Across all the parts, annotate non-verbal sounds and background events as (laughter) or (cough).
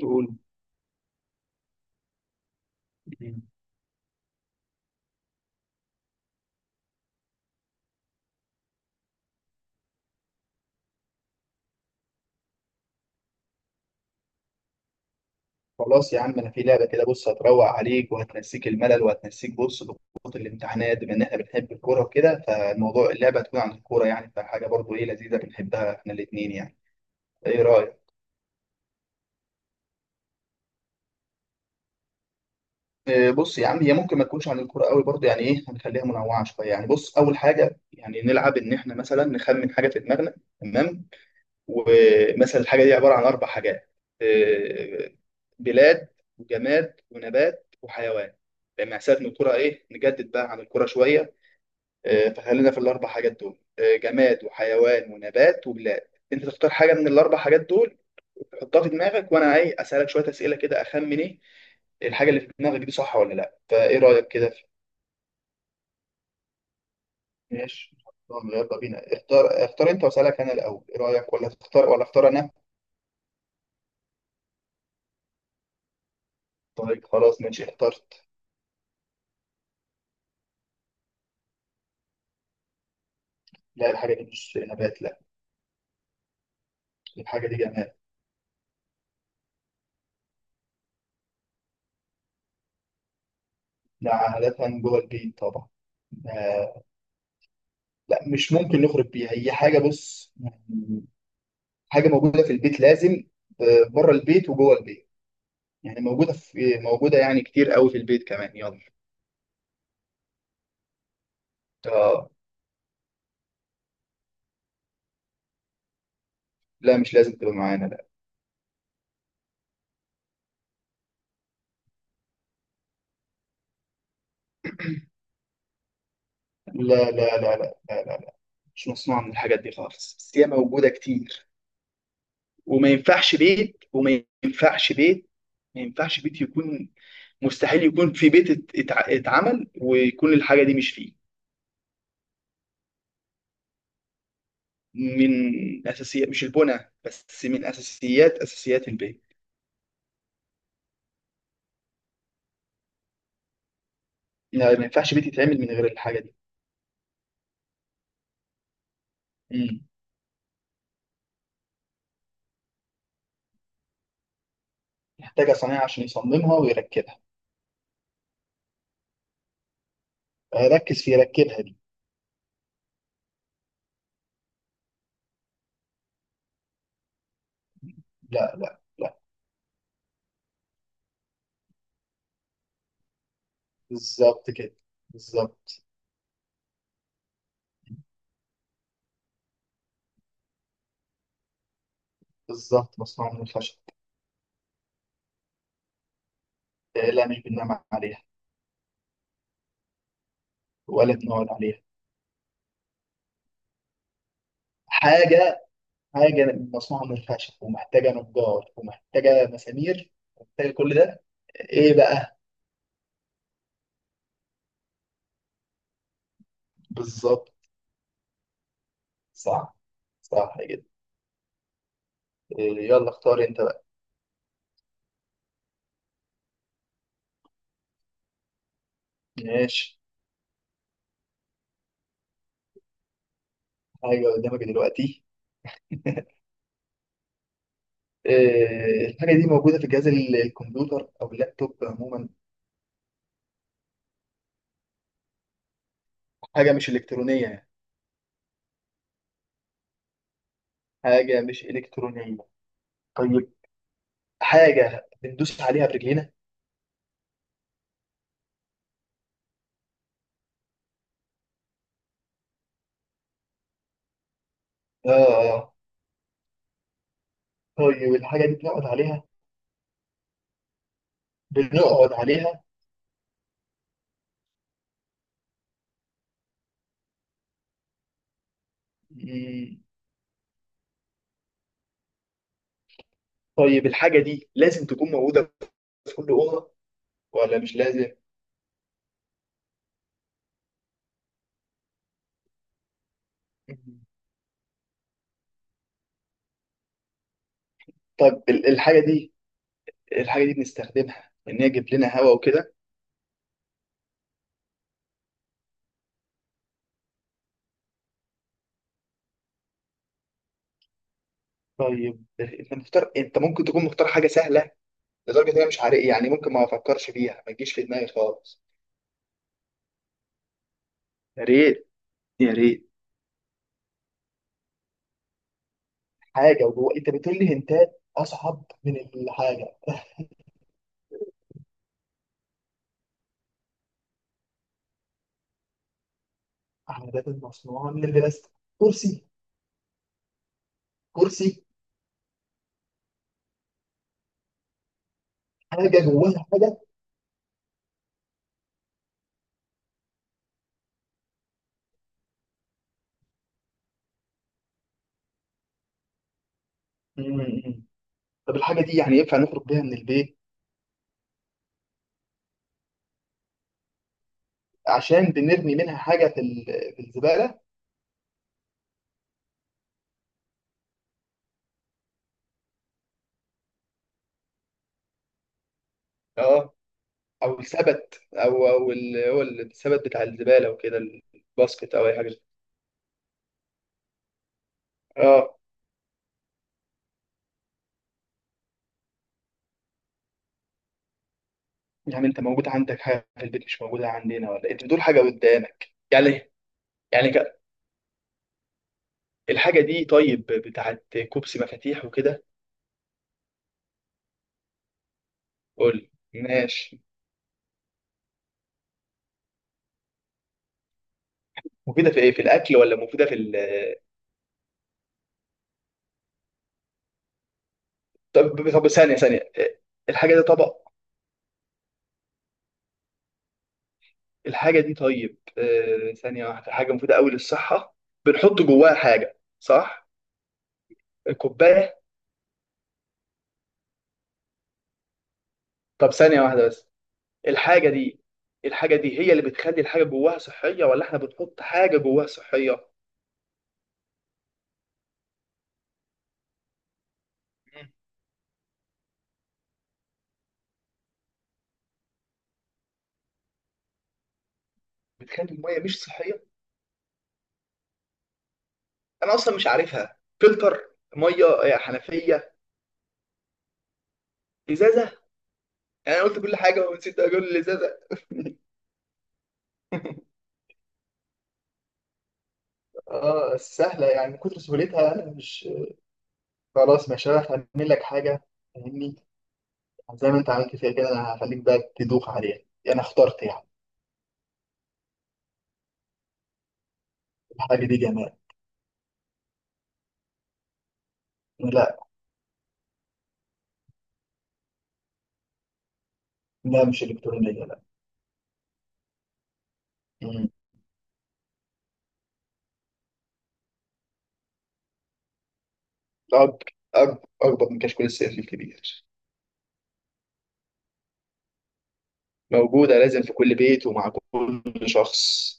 قول. مم. خلاص يا عم انا في لعبه كده، بص هتروق عليك وهتنسيك الملل وهتنسيك بص ضغوط الامتحانات، بما ان احنا بنحب الكوره وكده فالموضوع اللعبه هتكون عن الكوره يعني، فحاجه برضو ايه لذيذه بنحبها احنا الاثنين يعني. ايه رايك؟ إيه بص يا عم، هي ممكن ما تكونش عن الكوره قوي برضو يعني ايه، هنخليها منوعه شويه يعني. بص اول حاجه يعني نلعب ان احنا مثلا نخمن حاجه في دماغنا. تمام. ومثلا الحاجه دي عباره عن اربع حاجات. إيه، بلاد وجماد ونبات وحيوان. لان حساب ان الكره ايه نجدد بقى عن الكره شويه. آه، فخلينا في الاربع حاجات دول، آه، جماد وحيوان ونبات وبلاد. انت تختار حاجه من الاربع حاجات دول، تحطها في دماغك وانا ايه اسالك شويه اسئله كده اخمن ايه الحاجه اللي في دماغك دي صح ولا لا. فايه رايك كده ماشي. طب يلا بينا اختار انت واسالك انا الاول، ايه رايك؟ ولا تختار ولا اختار انا؟ طيب خلاص، ماشي اخترت. لا الحاجه دي مش نبات، لا. الحاجه دي جماد. لا عادة جوه البيت طبعا. آه، لا مش ممكن نخرج بيها، هي حاجة بص يعني حاجة موجودة في البيت لازم بره البيت وجوه البيت. يعني موجودة في موجودة يعني كتير قوي في البيت كمان، يلا. آه، لا مش لازم تبقى معانا. لا لا لا لا لا. لا لا، لا. مش مصنوعة من الحاجات دي خالص، بس هي موجودة كتير. وما ينفعش بيت، وما ينفعش بيت، ما ينفعش بيت يكون، مستحيل يكون في بيت اتعمل ويكون الحاجة دي مش فيه. من اساسيات مش البنى بس من اساسيات البيت. لا ما ينفعش بيت يتعمل من غير الحاجه دي. مم. محتاجه صنايعي عشان يصممها ويركبها. آه، ركز في يركبها دي. لا لا لا. بالظبط كده. بالظبط. بالظبط مصنوعه من الخشب. لا مش بننام عليها. ولا بنقعد عليها. حاجه، حاجه مصنوعه من الخشب ومحتاجه نجار ومحتاجه مسامير ومحتاجه كل ده. ايه بقى؟ بالظبط. صح. صح كده. إيه، يلا اختار انت بقى. ماشي. ايوه قدامك دلوقتي. آه، الحاجه دي موجوده في جهاز الكمبيوتر او اللابتوب عموما. حاجه مش الكترونيه يعني. حاجه مش الكترونيه. طيب حاجه بندوس عليها برجلينا. اه. آه. طيب الحاجه دي بنقعد عليها؟ بنقعد عليها. مم. طيب الحاجه دي لازم تكون موجوده في كل اوضه ولا مش لازم؟ مم. طيب الحاجه دي، الحاجه دي بنستخدمها ان هي تجيب لنا هواء وكده؟ طيب انت مختار، انت ممكن تكون مختار حاجه سهله لدرجه ان انا مش عارف يعني، ممكن ما افكرش فيها ما تجيش في دماغي خالص. يا ريت يا ريت. حاجه وجوه، انت بتقول لي هنتات اصعب من الحاجه. عمودات مصنوعه من البلاستيك؟ كرسي. كرسي. حاجه جواها حاجه. مم. طب الحاجه دي يعني ينفع نخرج بيها من البيت؟ عشان بنرمي منها حاجه في الزباله. اه، او السبت، او هو السبت بتاع الزباله وكده، الباسكت او اي حاجه. اه. يعني انت موجود عندك حاجه في البيت مش موجوده عندنا، ولا انت بتقول حاجه قدامك يعني؟ يعني الحاجة دي طيب بتاعت كوبسي مفاتيح وكده؟ قول، ماشي. مفيدة في ايه، في الأكل ولا مفيدة في طب طب ثانية ثانية. الحاجة دي طبق؟ الحاجة دي طيب آه، ثانية واحدة. حاجة مفيدة أوي للصحة، بنحط جواها حاجة صح؟ كوباية. طب ثانية واحدة بس. الحاجة دي، الحاجة دي هي اللي بتخلي الحاجة جواها صحية، ولا احنا بنحط حاجة جواها صحية؟ مم. بتخلي المية مش صحية. أنا أصلا مش عارفها. فلتر. مية. آه، حنفية. إزازة. يعني أنا قلت كل حاجه ونسيت اقول اللي زاد. اه سهلة، يعني من كتر سهولتها أنا مش، خلاص مش هعرف أعمل لك حاجة. فاهمني؟ زي ما أنت عملت فيها كده، أنا هخليك بقى تدوخ عليها. أنا اخترت يعني. الحاجة دي جمال. لا. لا مش إلكترونية، لا. مم. اكبر من كشكول السيف الكبير. موجوده لازم في كل بيت ومع كل شخص.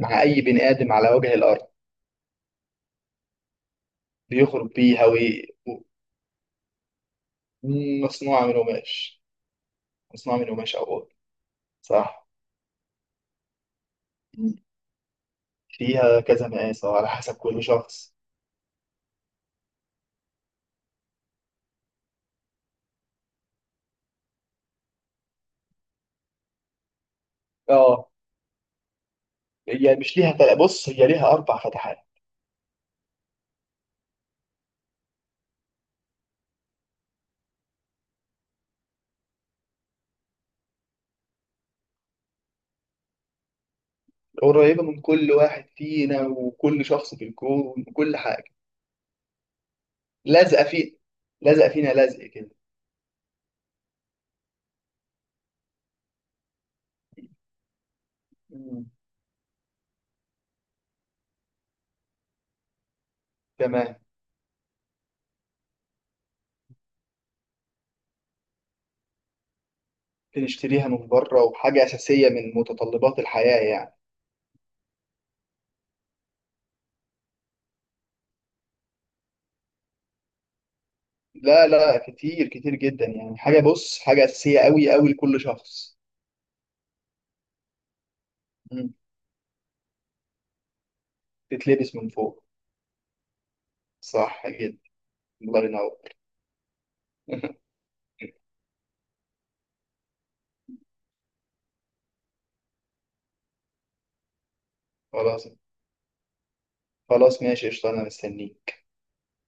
مع اي بني ادم على وجه الارض. بيخرج بيها مصنوعه من قماش. مصنوعه من قماش او أقول. صح. فيها كذا مقاس أو على حسب كل شخص. اه. هي مش ليها بص هي ليها أربع فتحات. قريبة من كل واحد فينا وكل شخص في الكون وكل حاجة. لازقة فينا. لازقة فينا لزق كده. مم. تمام. بنشتريها من بره، وحاجة أساسية من متطلبات الحياة يعني. لا لا كتير كتير جدا يعني، حاجة بص حاجة أساسية أوي أوي لكل شخص. مم. تتلبس من فوق. صح جدا. الله ينور. (laughs) خلاص. خلاص ماشي قشطة، أنا مستنيك.